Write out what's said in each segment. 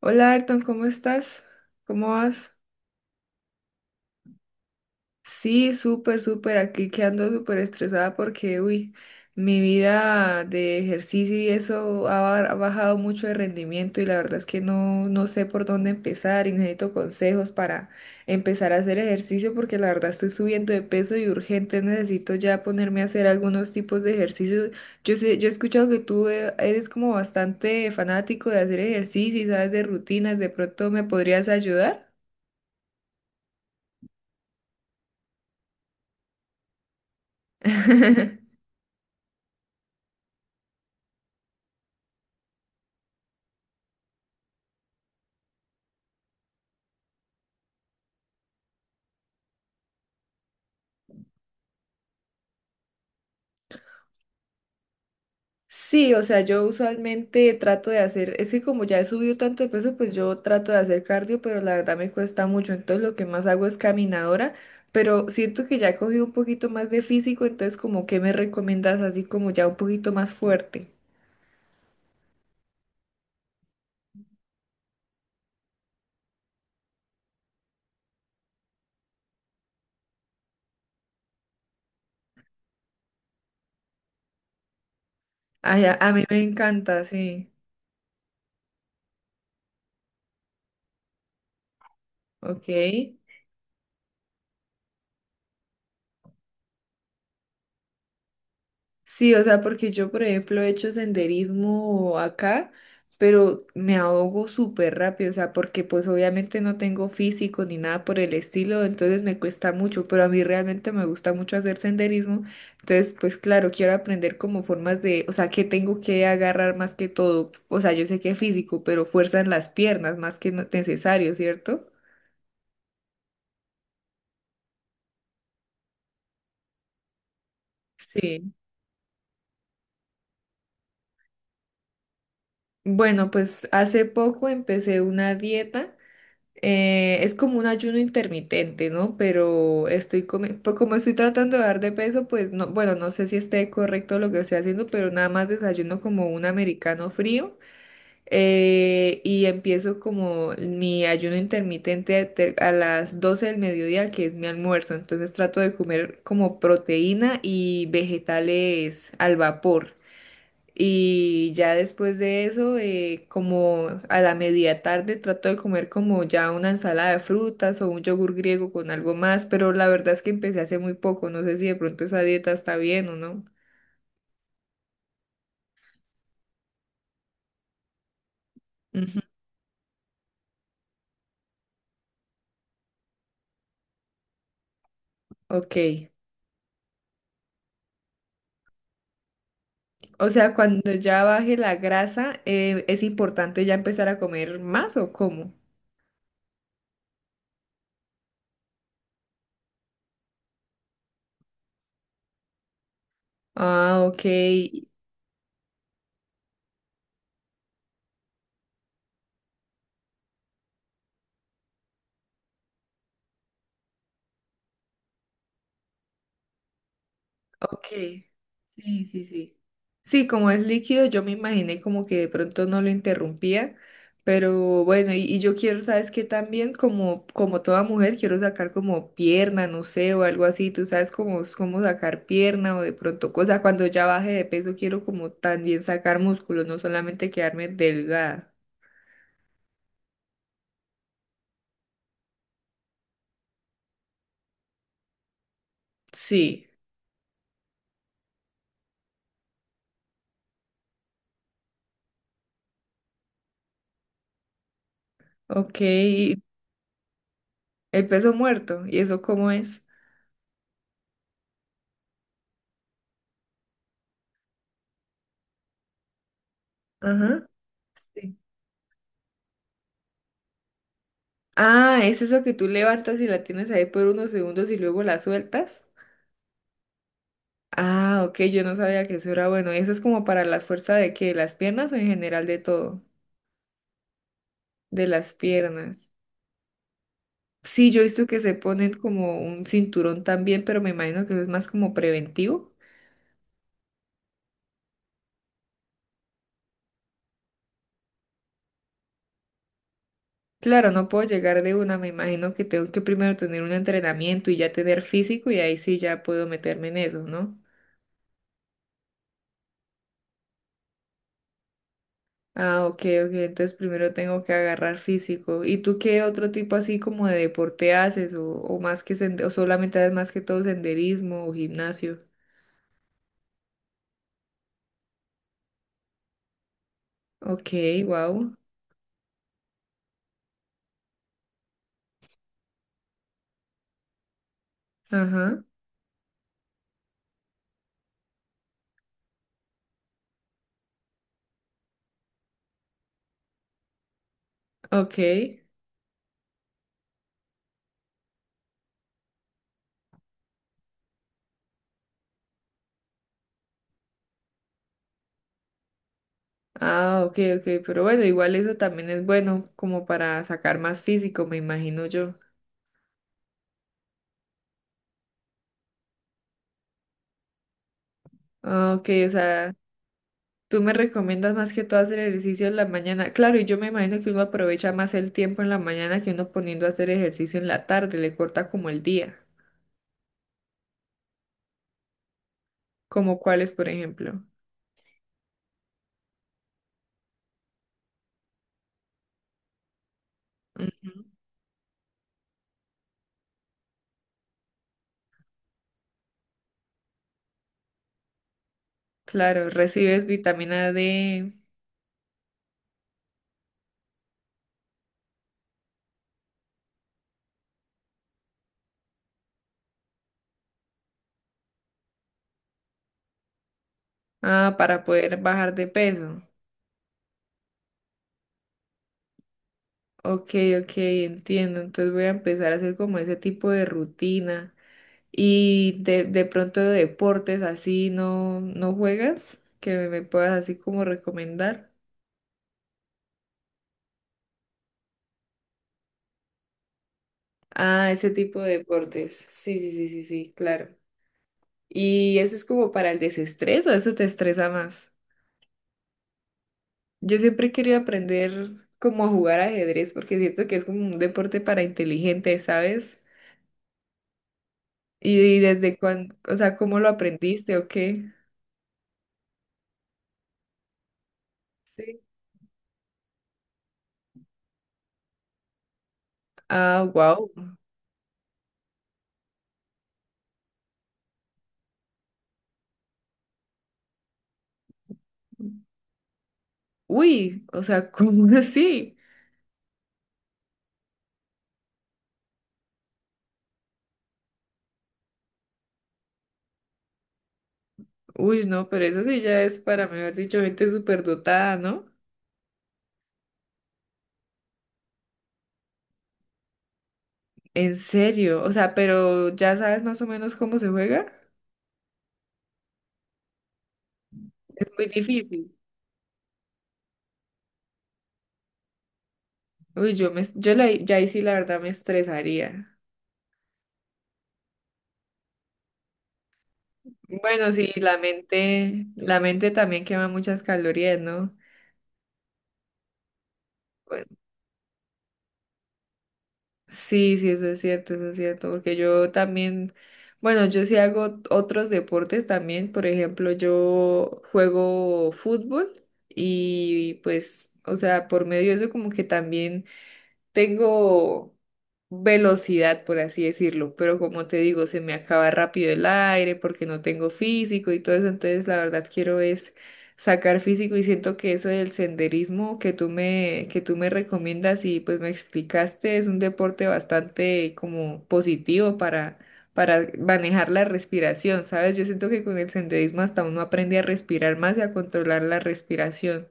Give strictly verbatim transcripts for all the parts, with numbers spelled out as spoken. Hola Ayrton, ¿cómo estás? ¿Cómo vas? Sí, súper, súper. Aquí que ando súper estresada porque, uy, mi vida de ejercicio y eso ha, ba- ha bajado mucho de rendimiento y la verdad es que no, no sé por dónde empezar y necesito consejos para empezar a hacer ejercicio porque la verdad estoy subiendo de peso y urgente necesito ya ponerme a hacer algunos tipos de ejercicios. Yo sé, yo he escuchado que tú eh, eres como bastante fanático de hacer ejercicio y sabes de rutinas, ¿de pronto me podrías ayudar? Sí, o sea, yo usualmente trato de hacer, es que como ya he subido tanto de peso, pues yo trato de hacer cardio, pero la verdad me cuesta mucho, entonces lo que más hago es caminadora, pero siento que ya he cogido un poquito más de físico, entonces como que me recomiendas así como ya un poquito más fuerte. Ay, a, a mí me encanta, sí, ok. Sí, o sea, porque yo, por ejemplo, he hecho senderismo acá, pero me ahogo súper rápido, o sea, porque pues obviamente no tengo físico ni nada por el estilo, entonces me cuesta mucho, pero a mí realmente me gusta mucho hacer senderismo, entonces pues claro, quiero aprender como formas de, o sea, que tengo que agarrar más que todo, o sea, yo sé que es físico, pero fuerza en las piernas más que no- necesario, ¿cierto? Sí. Bueno, pues hace poco empecé una dieta. Eh, es como un ayuno intermitente, ¿no? Pero estoy comi- pues como estoy tratando de bajar de peso, pues no, bueno, no sé si esté correcto lo que estoy haciendo, pero nada más desayuno como un americano frío eh, y empiezo como mi ayuno intermitente te- a las doce del mediodía, que es mi almuerzo. Entonces trato de comer como proteína y vegetales al vapor. Y ya después de eso, eh, como a la media tarde, trato de comer como ya una ensalada de frutas o un yogur griego con algo más, pero la verdad es que empecé hace muy poco, no sé si de pronto esa dieta está bien o no. Ujú. Ok. O sea, cuando ya baje la grasa, eh, ¿es importante ya empezar a comer más o cómo? Ah, ok. Ok, sí, sí, sí. Sí, como es líquido, yo me imaginé como que de pronto no lo interrumpía, pero bueno, y, y yo quiero, ¿sabes qué? También como, como toda mujer, quiero sacar como pierna, no sé, o algo así, tú sabes cómo, cómo sacar pierna o de pronto cosa, cuando ya baje de peso, quiero como también sacar músculos, no solamente quedarme delgada. Sí, ok, y el peso muerto, ¿y eso cómo es? Ajá. Sí. Ah, es eso que tú levantas y la tienes ahí por unos segundos y luego la sueltas. Ah, ok, yo no sabía que eso era bueno. ¿Eso es como para la fuerza de qué? ¿De ¿Las piernas o en general de todo? De las piernas. Sí, yo he visto que se ponen como un cinturón también, pero me imagino que eso es más como preventivo. Claro, no puedo llegar de una, me imagino que tengo que primero tener un entrenamiento y ya tener físico y ahí sí ya puedo meterme en eso, ¿no? Ah, ok, ok. Entonces primero tengo que agarrar físico. ¿Y tú qué otro tipo así como de deporte haces? ¿O, o más que sende- o solamente haces más que todo senderismo o gimnasio? Ok, wow. Ajá, ok. Ah, ok, ok. Pero bueno, igual eso también es bueno como para sacar más físico, me imagino yo. Ah, ok, o sea, tú me recomiendas más que todo hacer ejercicio en la mañana. Claro, y yo me imagino que uno aprovecha más el tiempo en la mañana que uno poniendo a hacer ejercicio en la tarde, le corta como el día. ¿Como cuáles, por ejemplo? Mm. Claro, recibes vitamina de. Ah, para poder bajar de peso. Ok, ok, entiendo. Entonces voy a empezar a hacer como ese tipo de rutina. Y de, de pronto deportes así no, no juegas, que me puedas así como recomendar. Ah, ese tipo de deportes. Sí, sí, sí, sí, sí, claro. ¿Y eso es como para el desestrés o eso te estresa más? Yo siempre quería aprender como a jugar ajedrez porque siento que es como un deporte para inteligentes, ¿sabes? Y, y desde cuándo, o sea, ¿cómo lo aprendiste o qué? Sí. Ah, wow. Uy, o sea, ¿cómo así? Uy, no, pero eso sí ya es para mejor dicho gente superdotada, ¿no? En serio, o sea, pero ya sabes más o menos cómo se juega. Es muy difícil. Uy, yo me, yo la, ya ahí sí la verdad me estresaría. Bueno, sí, la mente, la mente también quema muchas calorías, ¿no? Bueno, sí, sí, eso es cierto, eso es cierto, porque yo también, bueno, yo sí hago otros deportes también, por ejemplo, yo juego fútbol y pues, o sea, por medio de eso como que también tengo velocidad, por así decirlo, pero como te digo, se me acaba rápido el aire porque no tengo físico y todo eso, entonces la verdad quiero es sacar físico y siento que eso del senderismo que tú me, que tú me recomiendas y pues me explicaste es un deporte bastante como positivo para, para manejar la respiración, ¿sabes? Yo siento que con el senderismo hasta uno aprende a respirar más y a controlar la respiración.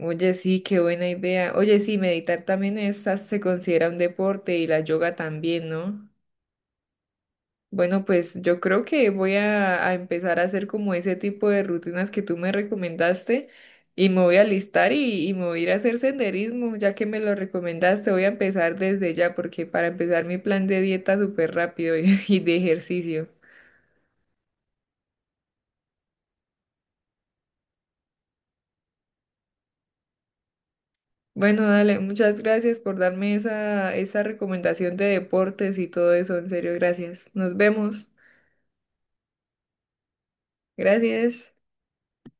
Oye, sí, qué buena idea. Oye, sí, meditar también es, se considera un deporte y la yoga también, ¿no? Bueno, pues yo creo que voy a, a empezar a hacer como ese tipo de rutinas que tú me recomendaste y me voy a listar y, y me voy a ir a hacer senderismo, ya que me lo recomendaste, voy a empezar desde ya porque para empezar mi plan de dieta súper rápido y, y de ejercicio. Bueno, dale, muchas gracias por darme esa, esa recomendación de deportes y todo eso, en serio, gracias. Nos vemos. Gracias.